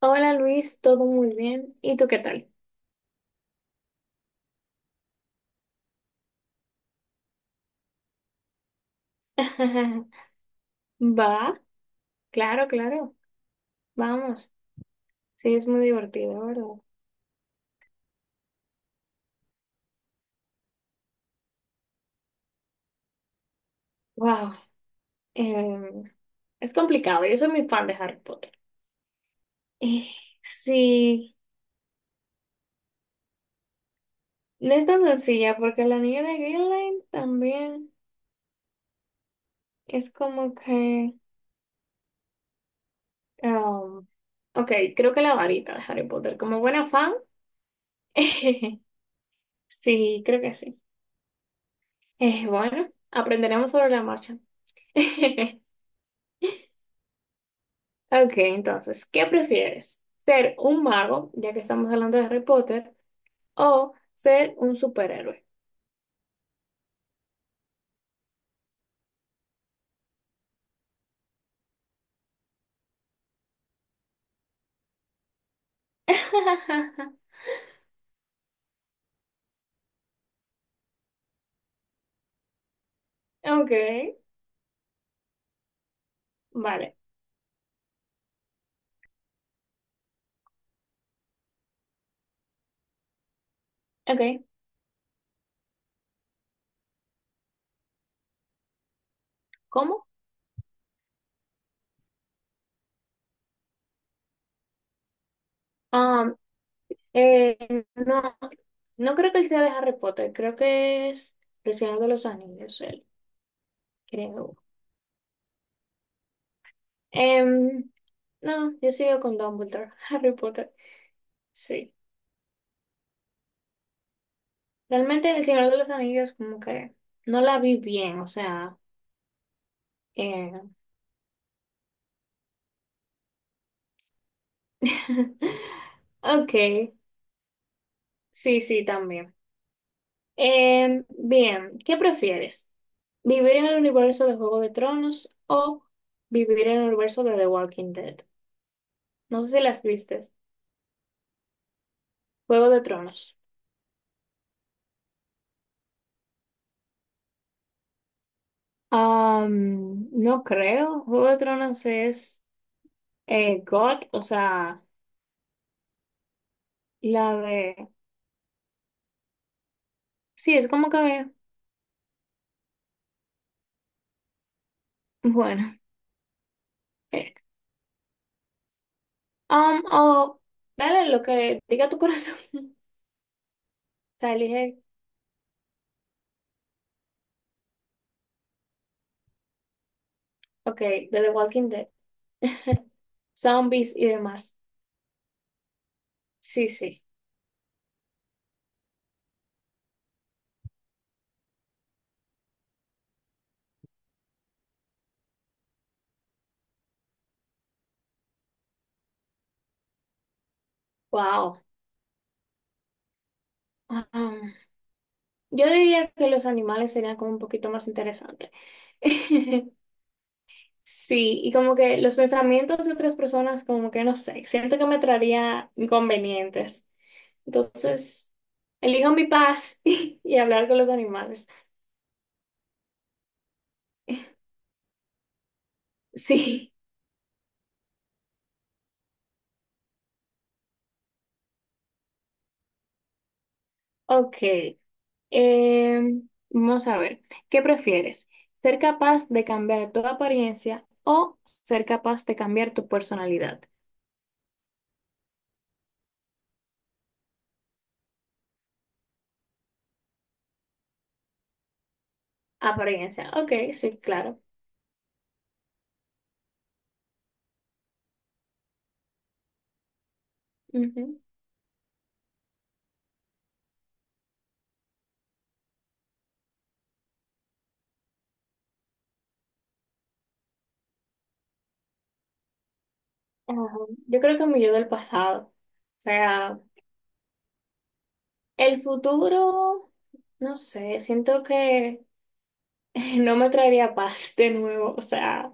Hola Luis, todo muy bien. ¿Y tú qué tal? Va, claro, claro. Vamos. Sí, es muy divertido, ¿verdad? Wow, es complicado. Yo soy muy fan de Harry Potter. Eh, sí, no es tan sencilla porque la niña de Greenland también es como que... um, ok, creo que la varita de Harry Potter. Como buena fan, sí, creo que sí. Bueno, aprenderemos sobre la marcha. Ok, entonces, ¿qué prefieres? ¿Ser un mago, ya que estamos hablando de Harry Potter, o ser un superhéroe? Ok, vale. Ok, ¿cómo? Am, eh, no, no creo que él sea de Harry Potter, creo que es del Señor de los Anillos, él, creo. Em, no, yo sigo con Dumbledore, Harry Potter, sí. Realmente el Señor de los Anillos como que no la vi bien, o sea, eh, Ok, sí, sí, también. Bien, ¿qué prefieres? ¿Vivir en el universo de Juego de Tronos o vivir en el universo de The Walking Dead? No sé si las vistes. Juego de Tronos. Am, no creo. Juego de Tronos es God, o sea, la de... Sí, es como que... Bueno. eh, o dale lo que diga tu corazón. O sea, elige, ok, de The Walking Dead. Zombies y demás. Sí, sí. Wow. Um, yo diría que los animales serían como un poquito más interesantes. Sí, y como que los pensamientos de otras personas, como que no sé, siento que me traería inconvenientes. Entonces, elijo mi paz y hablar con los animales. Sí, ok. Vamos a ver, ¿qué prefieres? ¿Ser capaz de cambiar tu apariencia o ser capaz de cambiar tu personalidad? Apariencia. Ok, sí, claro. Ujú. Ajá. Yo creo que mi yo del pasado. O sea, el futuro, no sé, siento que no me traería paz de nuevo. O sea,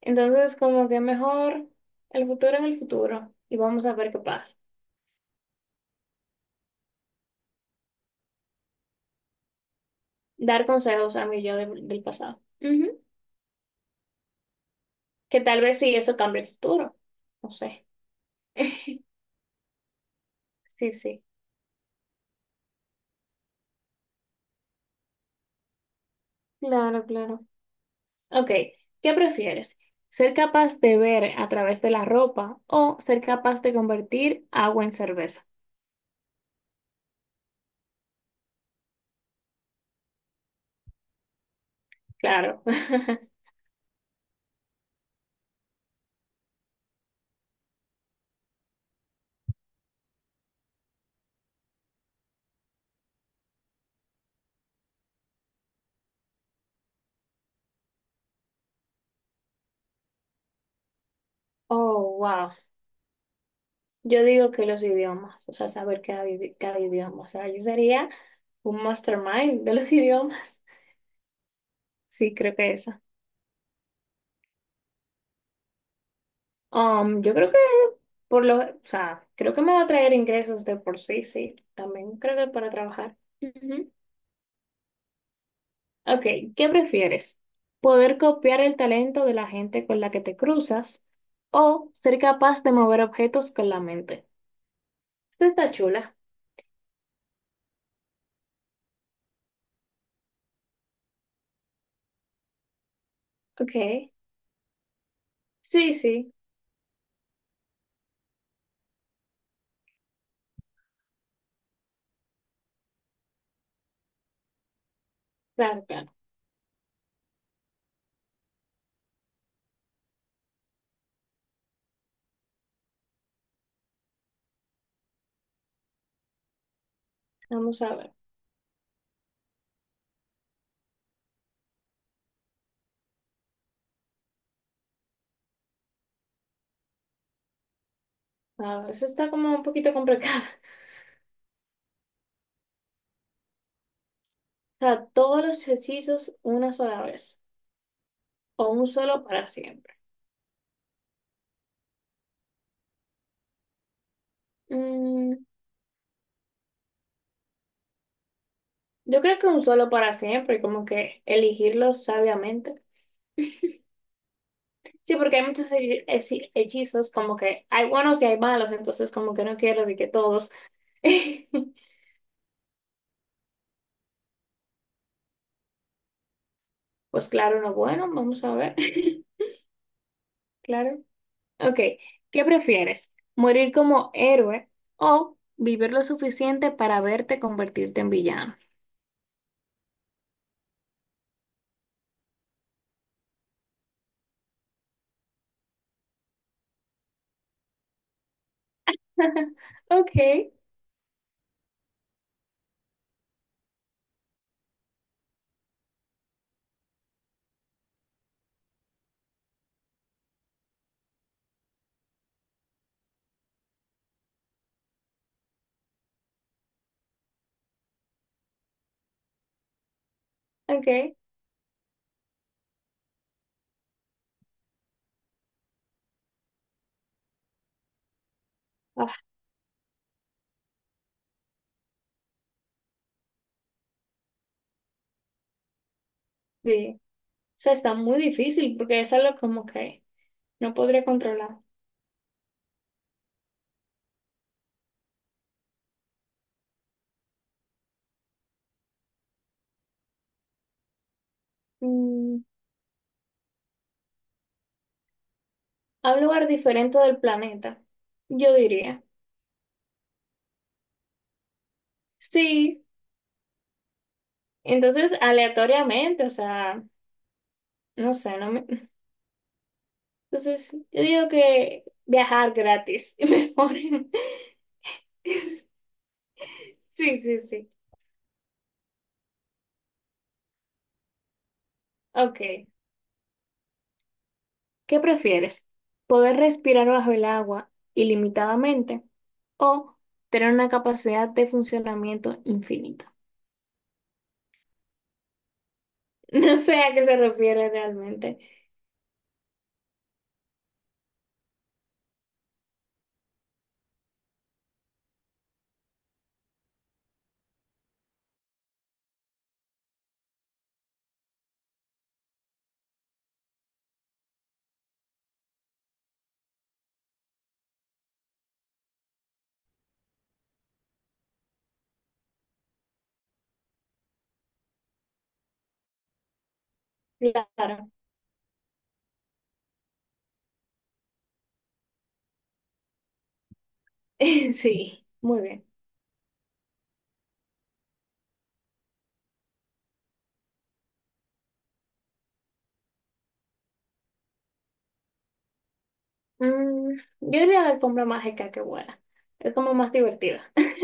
entonces como que mejor el futuro en el futuro y vamos a ver qué pasa. Dar consejos a mi yo del pasado. Ujú. Que tal vez sí eso cambie el futuro. No sé. Sí, sí. Claro, claro. Ok, ¿qué prefieres? ¿Ser capaz de ver a través de la ropa o ser capaz de convertir agua en cerveza? Claro. Oh, wow. Yo digo que los idiomas, o sea, saber cada, cada idioma. O sea, yo sería un mastermind de los idiomas. Sí, creo que esa. Yo creo que por lo, o sea, creo que me va a traer ingresos de por sí, sí. También creo que para trabajar. Ujú. Ok, ¿qué prefieres? ¿Poder copiar el talento de la gente con la que te cruzas o ser capaz de mover objetos con la mente? Esta está chula. Ok, sí, sí, claro, claro. Vamos a ver. A ver, esta está como un poquito complicada. O sea, todos los hechizos una sola vez o un solo para siempre. Mm, yo creo que un solo para siempre, como que elegirlos sabiamente. Sí, porque hay muchos hechizos, como que hay buenos y hay malos, entonces como que no quiero de que todos. Pues claro, no, bueno, vamos a ver. Claro. Ok, ¿qué prefieres? ¿Morir como héroe o vivir lo suficiente para verte convertirte en villano? Ok, ok. Ah, sí. O sea, está muy difícil porque es algo como que no podría controlar. Mm, a un lugar diferente del planeta, yo diría. Sí, entonces aleatoriamente, o sea, no sé, no me, entonces, yo digo que viajar gratis es mejor. Sí, sí, sí. Ok. ¿Qué prefieres? ¿Poder respirar bajo el agua ilimitadamente o tener una capacidad de funcionamiento infinita? No sé a qué se refiere realmente. Claro. Sí, muy bien. Mm, yo diría la alfombra mágica que vuela. Es como más divertida.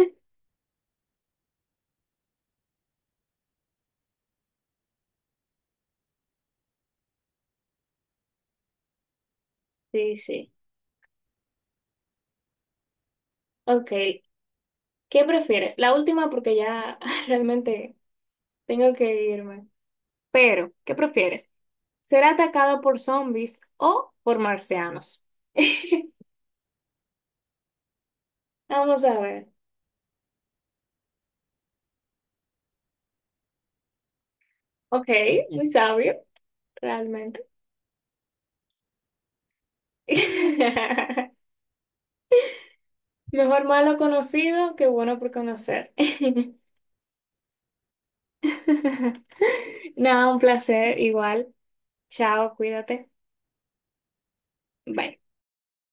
Sí, sí. Ok. ¿Qué prefieres? La última porque ya realmente tengo que irme. Pero, ¿qué prefieres? ¿Ser atacado por zombies o por marcianos? Vamos a ver. Ok, muy sabio, realmente. Mejor malo conocido que bueno por conocer. Nada, un placer, igual. Chao, cuídate. Bye.